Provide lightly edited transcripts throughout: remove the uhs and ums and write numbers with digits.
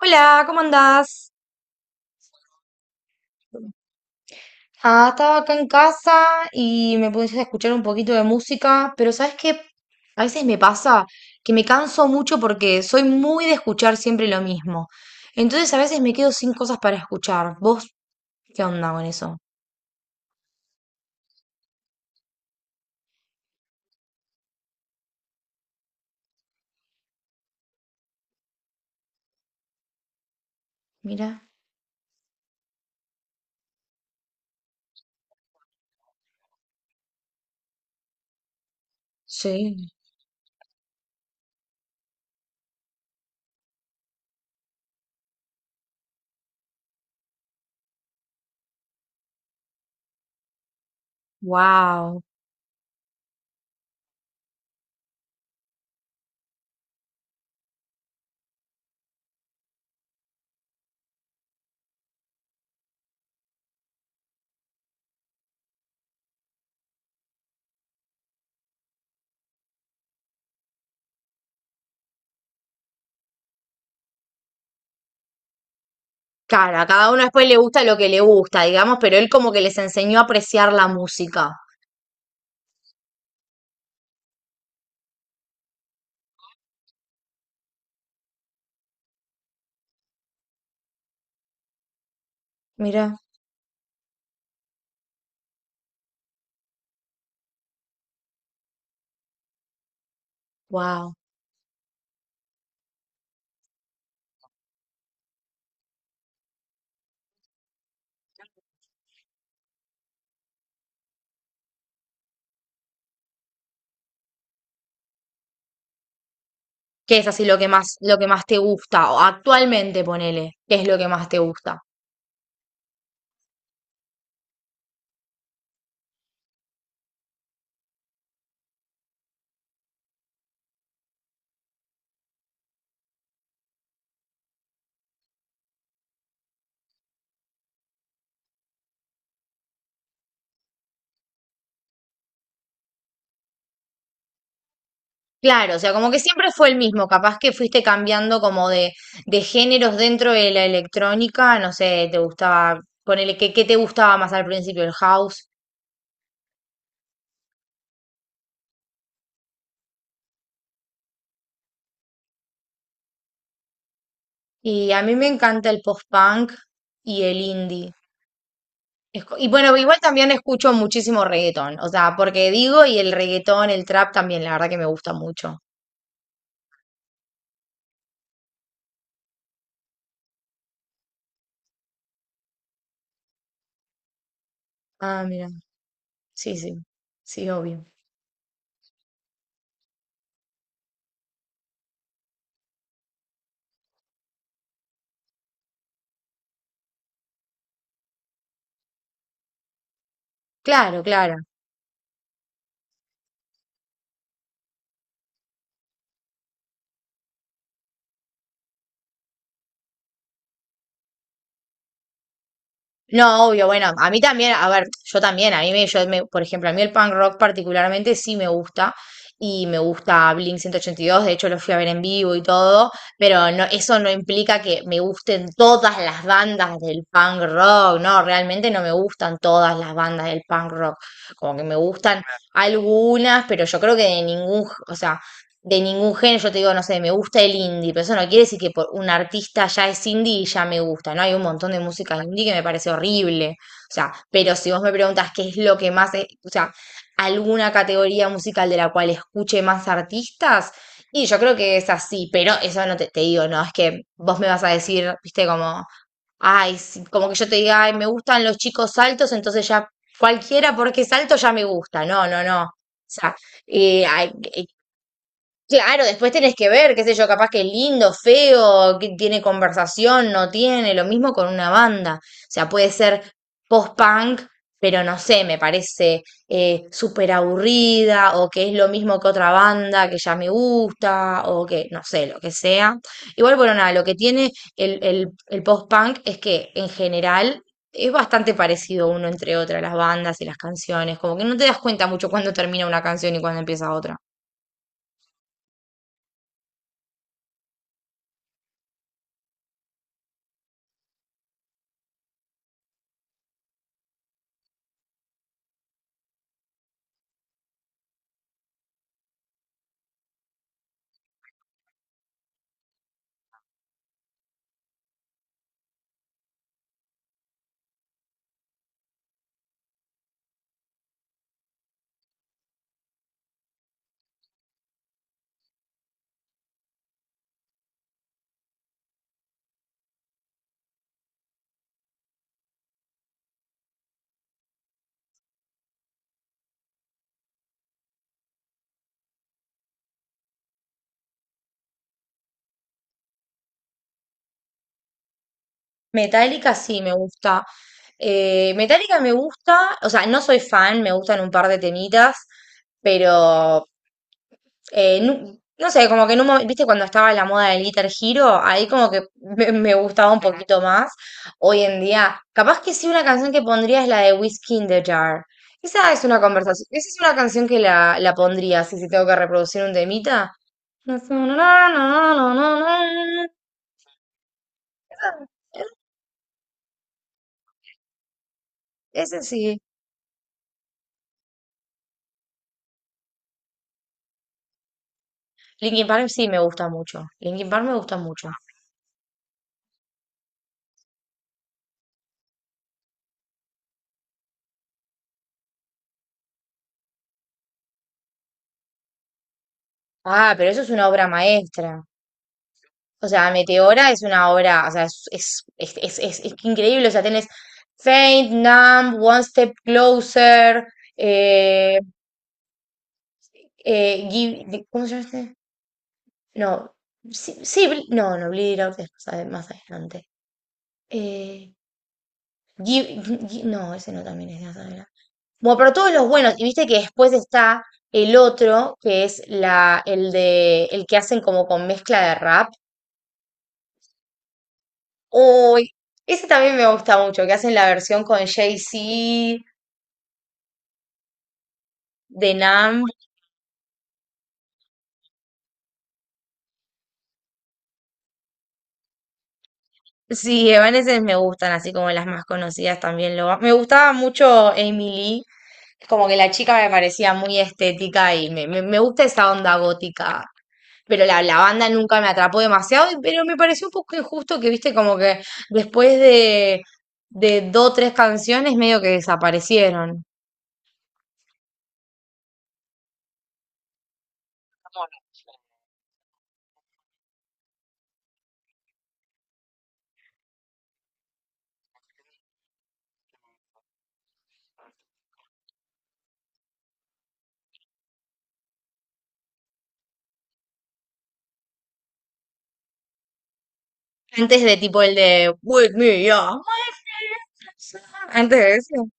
Hola, ¿cómo andás? Ah, estaba acá en casa y me puse a escuchar un poquito de música, pero ¿sabes qué? A veces me pasa que me canso mucho porque soy muy de escuchar siempre lo mismo. Entonces a veces me quedo sin cosas para escuchar. ¿Vos qué onda con eso? Mira. Sí, wow. Claro, a cada uno después le gusta lo que le gusta, digamos, pero él como que les enseñó a apreciar la música. Mira, wow. ¿Qué es así lo que más te gusta? O actualmente, ponele, ¿qué es lo que más te gusta? Claro, o sea, como que siempre fue el mismo, capaz que fuiste cambiando como de géneros dentro de la electrónica, no sé, te gustaba, ponele, ¿qué, qué te gustaba más al principio, el house? Y a mí me encanta el post-punk y el indie. Y bueno, igual también escucho muchísimo reggaetón, o sea, porque digo, y el reggaetón, el trap también, la verdad que me gusta mucho. Ah, mira, sí, sí, sí, obvio. Claro, claro. No, obvio, bueno, a mí también, a ver, yo también, a mí me, yo me- por ejemplo, a mí el punk rock particularmente sí me gusta y me gusta Blink-182, de hecho lo fui a ver en vivo y todo, pero no, eso no implica que me gusten todas las bandas del punk rock, no, realmente no me gustan todas las bandas del punk rock, como que me gustan algunas, pero yo creo que de ningún, o sea, de ningún género. Yo te digo, no sé, me gusta el indie, pero eso no quiere decir que por un artista ya es indie y ya me gusta, ¿no? Hay un montón de música indie que me parece horrible. O sea, pero si vos me preguntas qué es lo que más, o sea, alguna categoría musical de la cual escuche más artistas, y yo creo que es así, pero eso no te, te digo, no, es que vos me vas a decir, viste, como, ay, sí, como que yo te diga, ay, me gustan los chicos altos, entonces ya cualquiera porque es alto ya me gusta. No, no, no. O sea, eh, hay- eh, Claro, después tenés que ver, qué sé yo, capaz que es lindo, feo, que tiene conversación, no tiene, lo mismo con una banda. O sea, puede ser post-punk, pero no sé, me parece súper aburrida, o que es lo mismo que otra banda que ya me gusta, o que, no sé, lo que sea. Igual, bueno, nada, lo que tiene el post-punk es que en general es bastante parecido uno entre otra, las bandas y las canciones, como que no te das cuenta mucho cuándo termina una canción y cuándo empieza otra. Metallica sí me gusta. Metallica me gusta, o sea, no soy fan, me gustan un par de temitas, pero no sé, como que en un momento, viste, cuando estaba la moda del Guitar Hero, ahí como que me gustaba un poquito más. Hoy en día, capaz que sí, una canción que pondría es la de Whiskey in the Jar. Esa es una conversación, esa es una canción que la pondría, así si tengo que reproducir un temita. Esa esa- esa sí. Linkin Park sí me gusta mucho. Linkin Park me gusta mucho. Ah, pero eso es una obra maestra. O sea, Meteora es una obra, o sea, es increíble. O sea, tenés Faint, Numb, One Step Closer, eh, ¿cómo se llama este? No, sí, sí, no, no, Bleed It Out es más más adelante. Eh, Give- no, ese no también es de más adelante. Bueno, pero todos los buenos, y viste que después está el otro, que es el de, el que hacen como con mezcla de rap. Uy, ese también me gusta mucho, que hacen la versión con Jay-Z, de Nam. Sí, Evanescence me gustan, así como las más conocidas también lo. Me gustaba mucho Emily, como que la chica me parecía muy estética y me gusta esa onda gótica. Pero la banda nunca me atrapó demasiado, pero me pareció un poco injusto que, viste, como que después de dos o tres canciones medio que desaparecieron. Antes de tipo el de With Me, yeah. Antes de eso.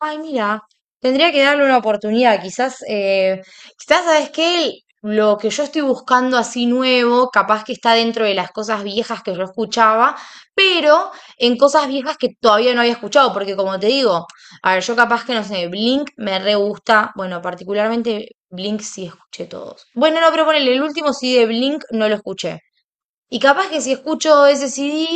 Ay, mira, tendría que darle una oportunidad. Quizás, quizás, ¿sabes qué? Lo que yo estoy buscando así nuevo, capaz que está dentro de las cosas viejas que yo escuchaba, pero en cosas viejas que todavía no había escuchado, porque como te digo, a ver, yo capaz que no sé, Blink me re gusta, bueno, particularmente Blink sí escuché todos. Bueno, no, pero ponele, el último CD de Blink no lo escuché. Y capaz que si escucho ese CD,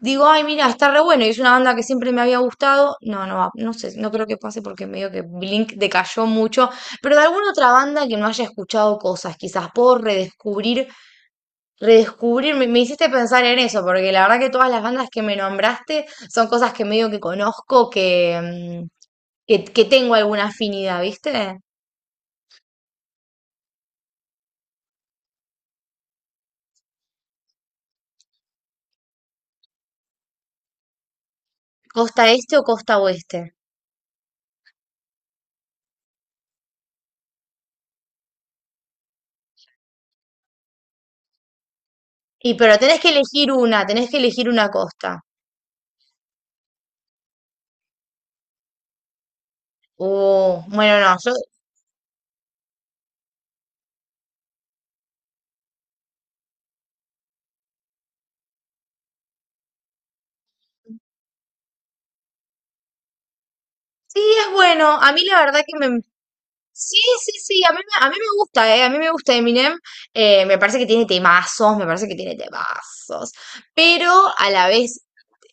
digo, ay, mira, está re bueno y es una banda que siempre me había gustado. No, no, va, no sé, no creo que pase porque medio que Blink decayó mucho. Pero de alguna otra banda que no haya escuchado cosas, quizás puedo redescubrir. Me hiciste pensar en eso, porque la verdad que todas las bandas que me nombraste son cosas que medio que conozco, que, mm, que tengo alguna afinidad, ¿viste? Costa este o costa oeste. Y pero tenés que elegir una, tenés que elegir una costa. Bueno, no, yo. Sí, es bueno. A mí la verdad que me, sí, sí, sí, a mí me gusta, a mí me gusta Eminem, me parece que tiene temazos, me parece que tiene temazos, pero a la vez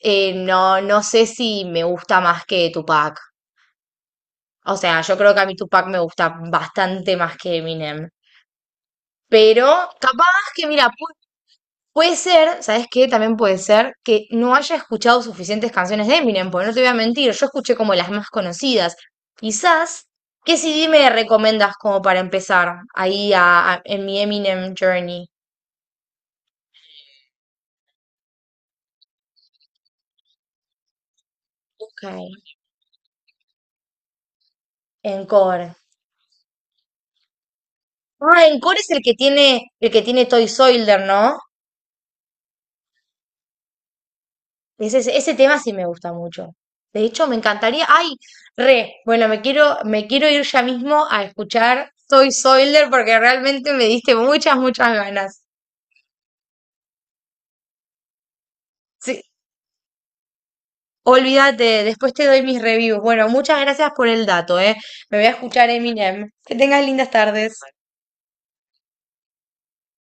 no, no sé si me gusta más que Tupac, o sea, yo creo que a mí Tupac me gusta bastante más que Eminem, pero capaz que, mira, puede ser, ¿sabes qué? También puede ser que no haya escuchado suficientes canciones de Eminem, porque no te voy a mentir, yo escuché como las más conocidas. Quizás, ¿qué CD me recomendas como para empezar ahí en mi Eminem Journey? Ok. Encore. Ah, Encore es el que tiene Toy Soldier, ¿no? Ese tema sí me gusta mucho. De hecho, me encantaría. ¡Ay! Re, bueno, me quiero ir ya mismo a escuchar Toy Soldier porque realmente me diste muchas, muchas ganas. Sí, olvídate, después te doy mis reviews. Bueno, muchas gracias por el dato, ¿eh? Me voy a escuchar Eminem. Que tengas lindas tardes.